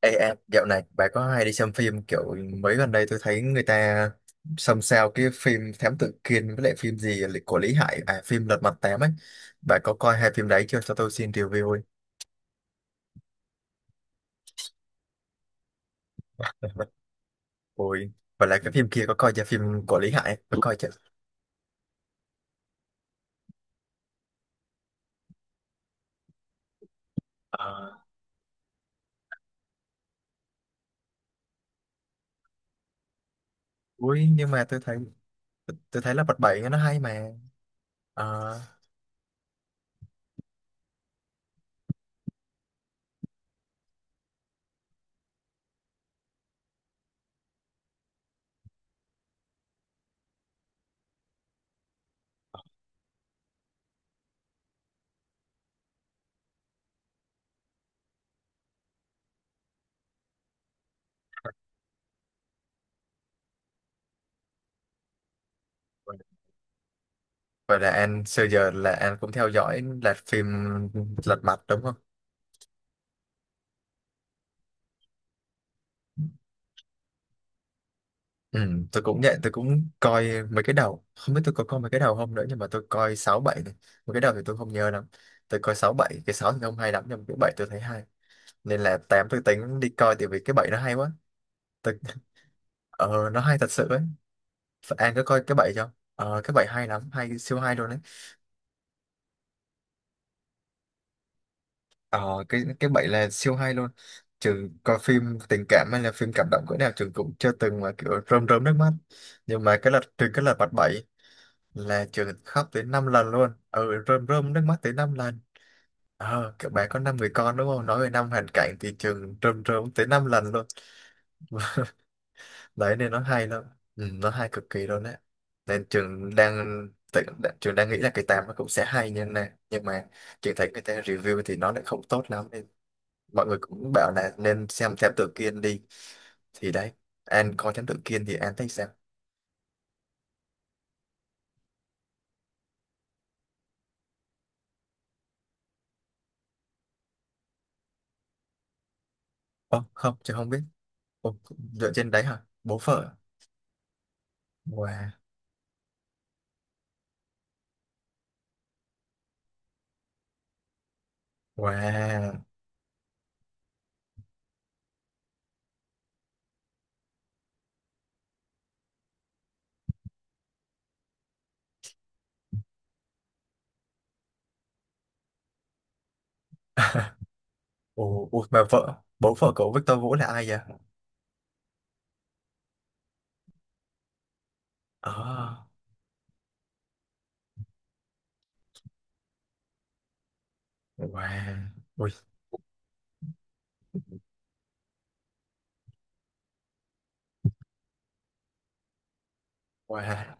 Ê em, dạo này bà có hay đi xem phim kiểu mấy gần đây tôi thấy người ta xôn xao cái phim Thám Tử Kiên với lại phim gì là của Lý Hải, à phim Lật Mặt Tám ấy. Bà có coi hai phim đấy chưa, cho tôi xin review ấy. Ôi, và lại cái phim kia có coi chưa, phim của Lý Hải có coi chưa? Ờ, ui nhưng mà tôi thấy Lật Mặt Bảy nó hay mà. Ờ, vậy là anh xưa giờ là anh cũng theo dõi là phim Lật Mặt đúng không? Ừ, tôi cũng nhận tôi cũng coi mấy cái đầu, không biết tôi có coi mấy cái đầu không nữa nhưng mà tôi coi 6 7 này. Mấy cái đầu thì tôi không nhớ lắm. Tôi coi 6 bảy, cái 6 thì không hay lắm nhưng mà cái bảy tôi thấy hay. Nên là tám tôi tính đi coi tại vì cái bảy nó hay quá. Tôi, ờ nó hay thật sự ấy. An có coi cái bảy không? Ờ cái bảy hay lắm, hay siêu hay luôn đấy. Ờ cái bảy là siêu hay luôn. Trừ coi phim tình cảm hay là phim cảm động cỡ nào trường cũng chưa từng mà kiểu rơm rớm nước mắt. Nhưng mà cái lật trừ cái lật mặt bảy là chủ tịch khóc tới 5 lần luôn, ừ rơm rơm nước mắt tới 5 lần. Ờ các bạn có 5 người con đúng không, nói về năm hoàn cảnh thì trường rơm rơm tới 5 lần luôn. Đấy nên nó hay lắm, ừ, nó hay cực kỳ luôn đấy. Nên trường đang tự- trường đang nghĩ là cái tám nó cũng sẽ hay như này nhưng mà trường thấy người ta review thì nó lại không tốt lắm, nên mọi người cũng bảo là nên xem thám tử Kiên đi, thì đấy, An coi thám tử Kiên thì An thấy sao? Ồ, không, trường không biết. Ồ, dựa trên đấy hả? Bố vợ. Wow. Wow. Ồ, ui, mà vợ, bố vợ cậu Victor Vũ là ai vậy? À, wow, ui, wow,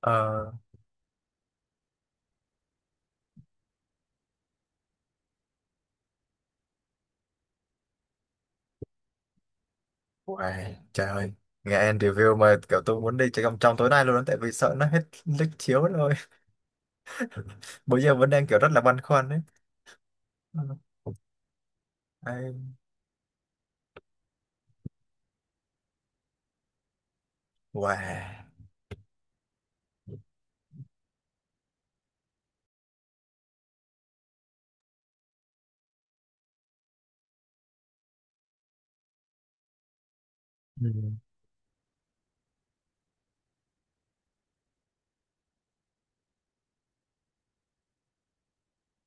ờ, wow, trời ơi. Nghe anh review mà kiểu tôi muốn đi chơi trong trong tối nay luôn đó, tại vì sợ nó hết lịch chiếu rồi. Bây giờ vẫn đang kiểu rất là băn khoăn đấy. Ừ, ai- Wow,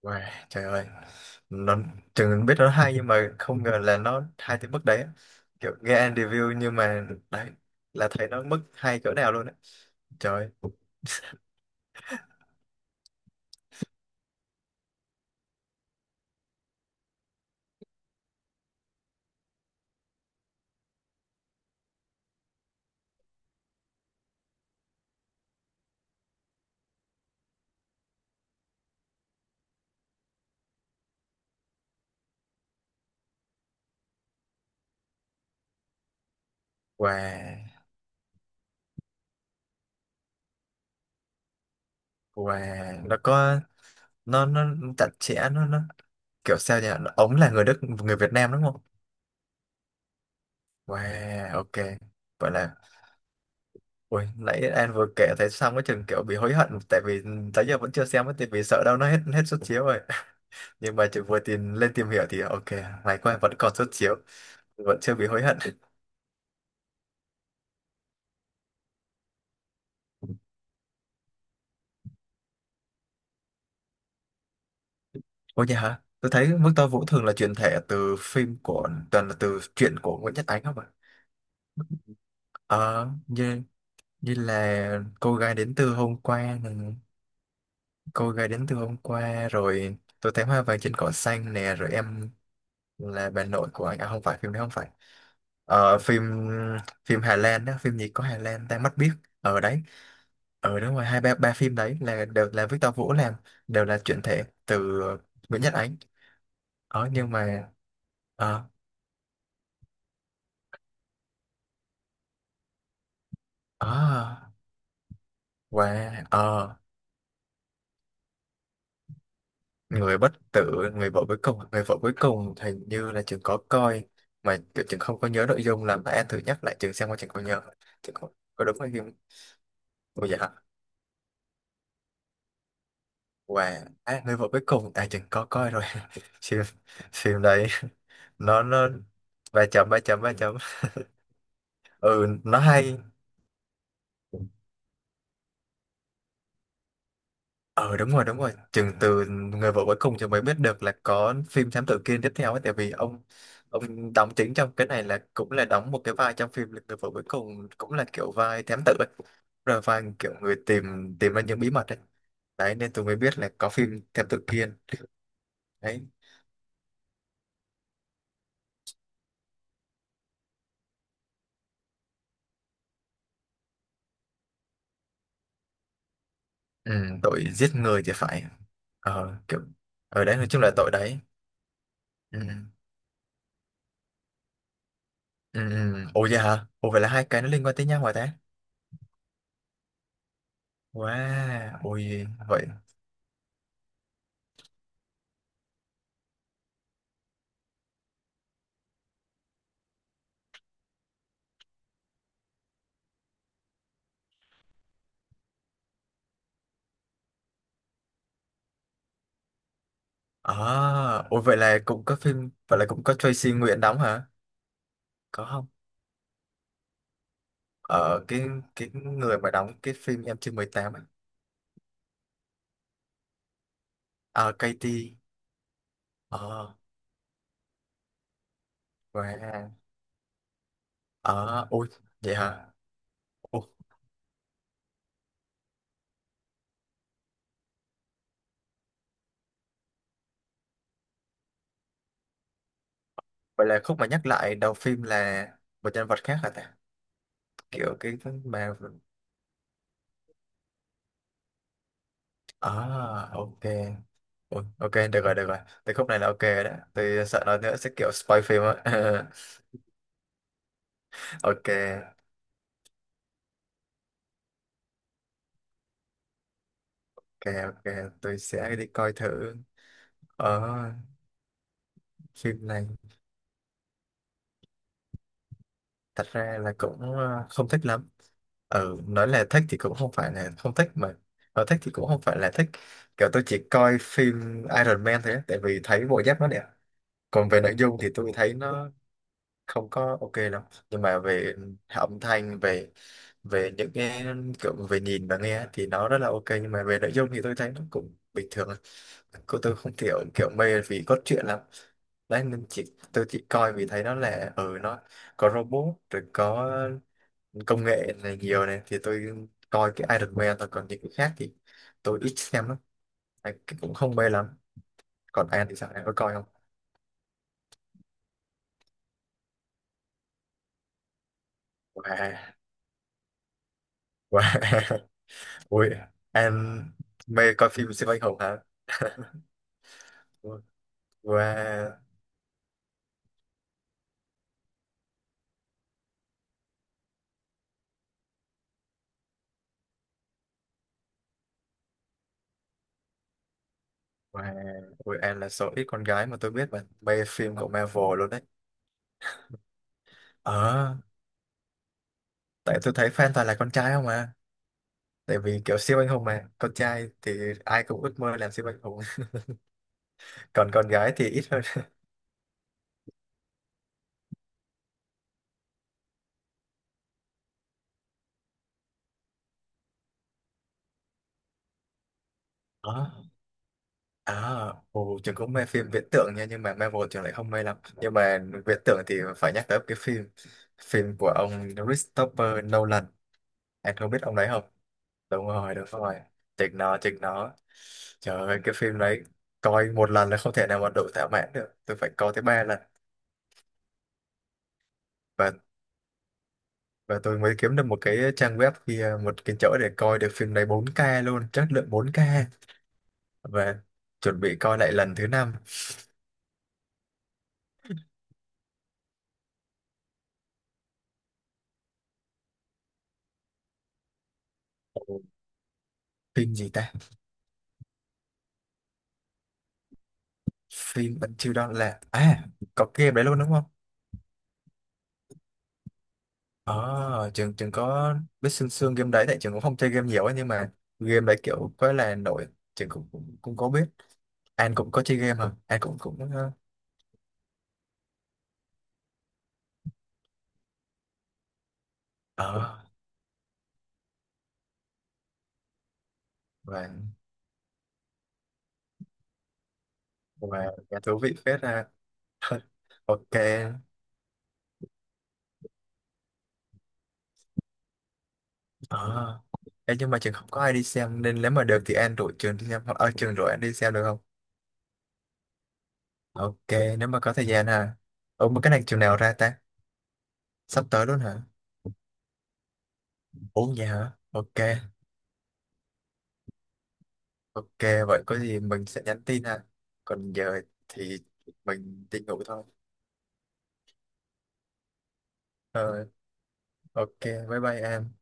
wow, trời ơi. Nó, chừng biết nó hay nhưng mà không ngờ là nó hay tới mức đấy á. Kiểu nghe anh review nhưng mà đấy, là thấy nó mức hay cỡ nào luôn đấy. Trời, ơi, wow. Wow, nó có nó chặt chẽ nó kiểu sao nhỉ? Ông là người Đức, người Việt Nam đúng không? Wow, ok. Vậy là ui, nãy anh vừa kể thấy xong cái chừng kiểu bị hối hận tại vì tới giờ vẫn chưa xem ấy, tại vì sợ đâu nó hết hết suất chiếu rồi. Nhưng mà chị vừa tìm lên tìm hiểu thì ok, may quá vẫn còn suất chiếu, vẫn chưa bị hối hận. Ôi nhà hả? Tôi thấy Mức Tơ Vũ thường là chuyển thể từ phim của toàn là từ truyện của Nguyễn Nhật Ánh không ạ? Ờ, như như là cô gái đến từ hôm qua này. Cô gái đến từ hôm qua rồi tôi thấy hoa vàng trên cỏ xanh nè rồi em là bà nội của anh, à không phải phim đấy không phải, ờ, phim phim Hà Lan đó, phim gì có Hà Lan ta mắt biết ở đấy ở. Đúng rồi hai ba ba phim đấy là đều là Victor Vũ làm, đều là chuyển thể từ Nguyễn Nhật Ánh. Ờ nhưng mà ờ ờ wow ờ người bất tử, người vợ cuối cùng, người vợ cuối cùng hình như là trường có coi mà kiểu trường không có nhớ nội dung, làm bạn thử nhắc lại trường xem qua trường có nhớ, trường có đúng hay không. Ủa dạ. Và à, người vợ cuối cùng à trường có coi rồi. Phim phim đấy nó ba chấm ba chấm ba chấm, ừ nó hay. Ờ đúng rồi đúng rồi, Chừng từ người vợ cuối cùng thì mới biết được là có phim Thám Tử Kiên tiếp theo ấy. Tại vì ông đóng chính trong cái này là cũng là đóng một cái vai trong phim Người vợ cuối cùng cũng là kiểu vai thám tử ấy. Rồi vai kiểu người tìm tìm ra những bí mật ấy. Đấy nên tôi mới biết là có phim Thám Tử Kiên. Đấy. Ừ, tội giết người thì phải. Ờ kiểu ở đấy nói chung là tội đấy. Ừ. Ừ. Ừ. Ồ vậy hả? Ồ vậy là hai cái nó liên quan tới nhau hả ta? Wow, ôi vậy. À, ôi vậy là cũng có phim, vậy là cũng có Tracy Nguyễn đóng hả? Có không? Ở cái người mà đóng cái phim Em chưa mười tám, ấy. À, Katie. Ờ, wow. Ờ, ôi, vậy hả? Ồ, vậy là khúc mà nhắc lại đầu phim là một nhân vật khác hả ta? Kiểu cái mà... À, ok. Ôi, ok, được rồi, được rồi. Từ khúc này là ok đó. Tôi sợ nói nữa sẽ kiểu spoil phim á. Ok, ok. Tôi sẽ đi coi thử. Ờ, phim này. Thật ra là cũng ờ, không thích lắm, ừ nói là thích thì cũng không phải là không thích, mà nói thích thì cũng không phải là thích, kiểu tôi chỉ coi phim Iron Man thôi á, tại vì thấy bộ giáp nó đẹp. Còn về nội dung thì tôi thấy nó không có ok lắm, nhưng mà về âm thanh về về những cái kiểu về nhìn và nghe thì nó rất là ok nhưng mà về nội dung thì tôi thấy nó cũng bình thường, cô tôi không kiểu kiểu mê vì cốt truyện lắm. Đấy nên chỉ tôi chỉ coi vì thấy nó là ừ nó có robot rồi có công nghệ này nhiều này thì tôi coi cái Iron Man thôi, còn những cái khác thì tôi ít xem lắm. À, cái cũng không mê lắm. Còn An thì sao, An có coi không? Wow, wow. Ui An mê coi phim siêu anh hùng hả? Wow, wow, ui An là số ít con gái mà tôi biết mà mê phim của Marvel luôn đấy. Ờ tại tôi thấy fan toàn là con trai không mà, tại vì kiểu siêu anh hùng mà con trai thì ai cũng ước mơ làm siêu anh hùng. Còn con gái thì ít hơn. Ờ. À, ồ, Trường cũng mê phim viễn tưởng nha, nhưng mà Marvel Trường lại không mê lắm. Nhưng mà viễn tưởng thì phải nhắc tới cái phim phim của ông Christopher Nolan. Anh không biết ông đấy không? Đúng rồi, đúng rồi. Chính nó, chính nó. Trời ơi, cái phim đấy coi một lần là không thể nào mà đủ thỏa mãn được. Tôi phải coi tới ba lần. Và và tôi mới kiếm được một cái trang web kia, một cái chỗ để coi được phim đấy 4K luôn, chất lượng 4K. Và chuẩn bị coi lại lần thứ năm. Ồ, phim gì ta? Phim Until Dawn là à có game đấy luôn đúng không? Ờ trường trường có biết sương sương game đấy tại trường cũng không chơi game nhiều ấy, nhưng mà game đấy kiểu có là nổi, trường cũng, cũng cũng có biết. An cũng có chơi game hả, An cũng cũng ờ ờ, và và thú vị phết ra. Ok. Ờ. Ê, nhưng mà trường không có ai đi xem nên nếu mà được thì An rủ trường đi xem hoặc ở trường rủ An đi xem được không? Ok nếu mà có thời gian hả. Ủa mà cái này trường nào ra ta, sắp tới luôn hả? Ủa vậy hả, ok. Ok, vậy có gì mình sẽ nhắn tin ha. Còn giờ thì mình đi ngủ thôi. Ờ, ok, bye bye em.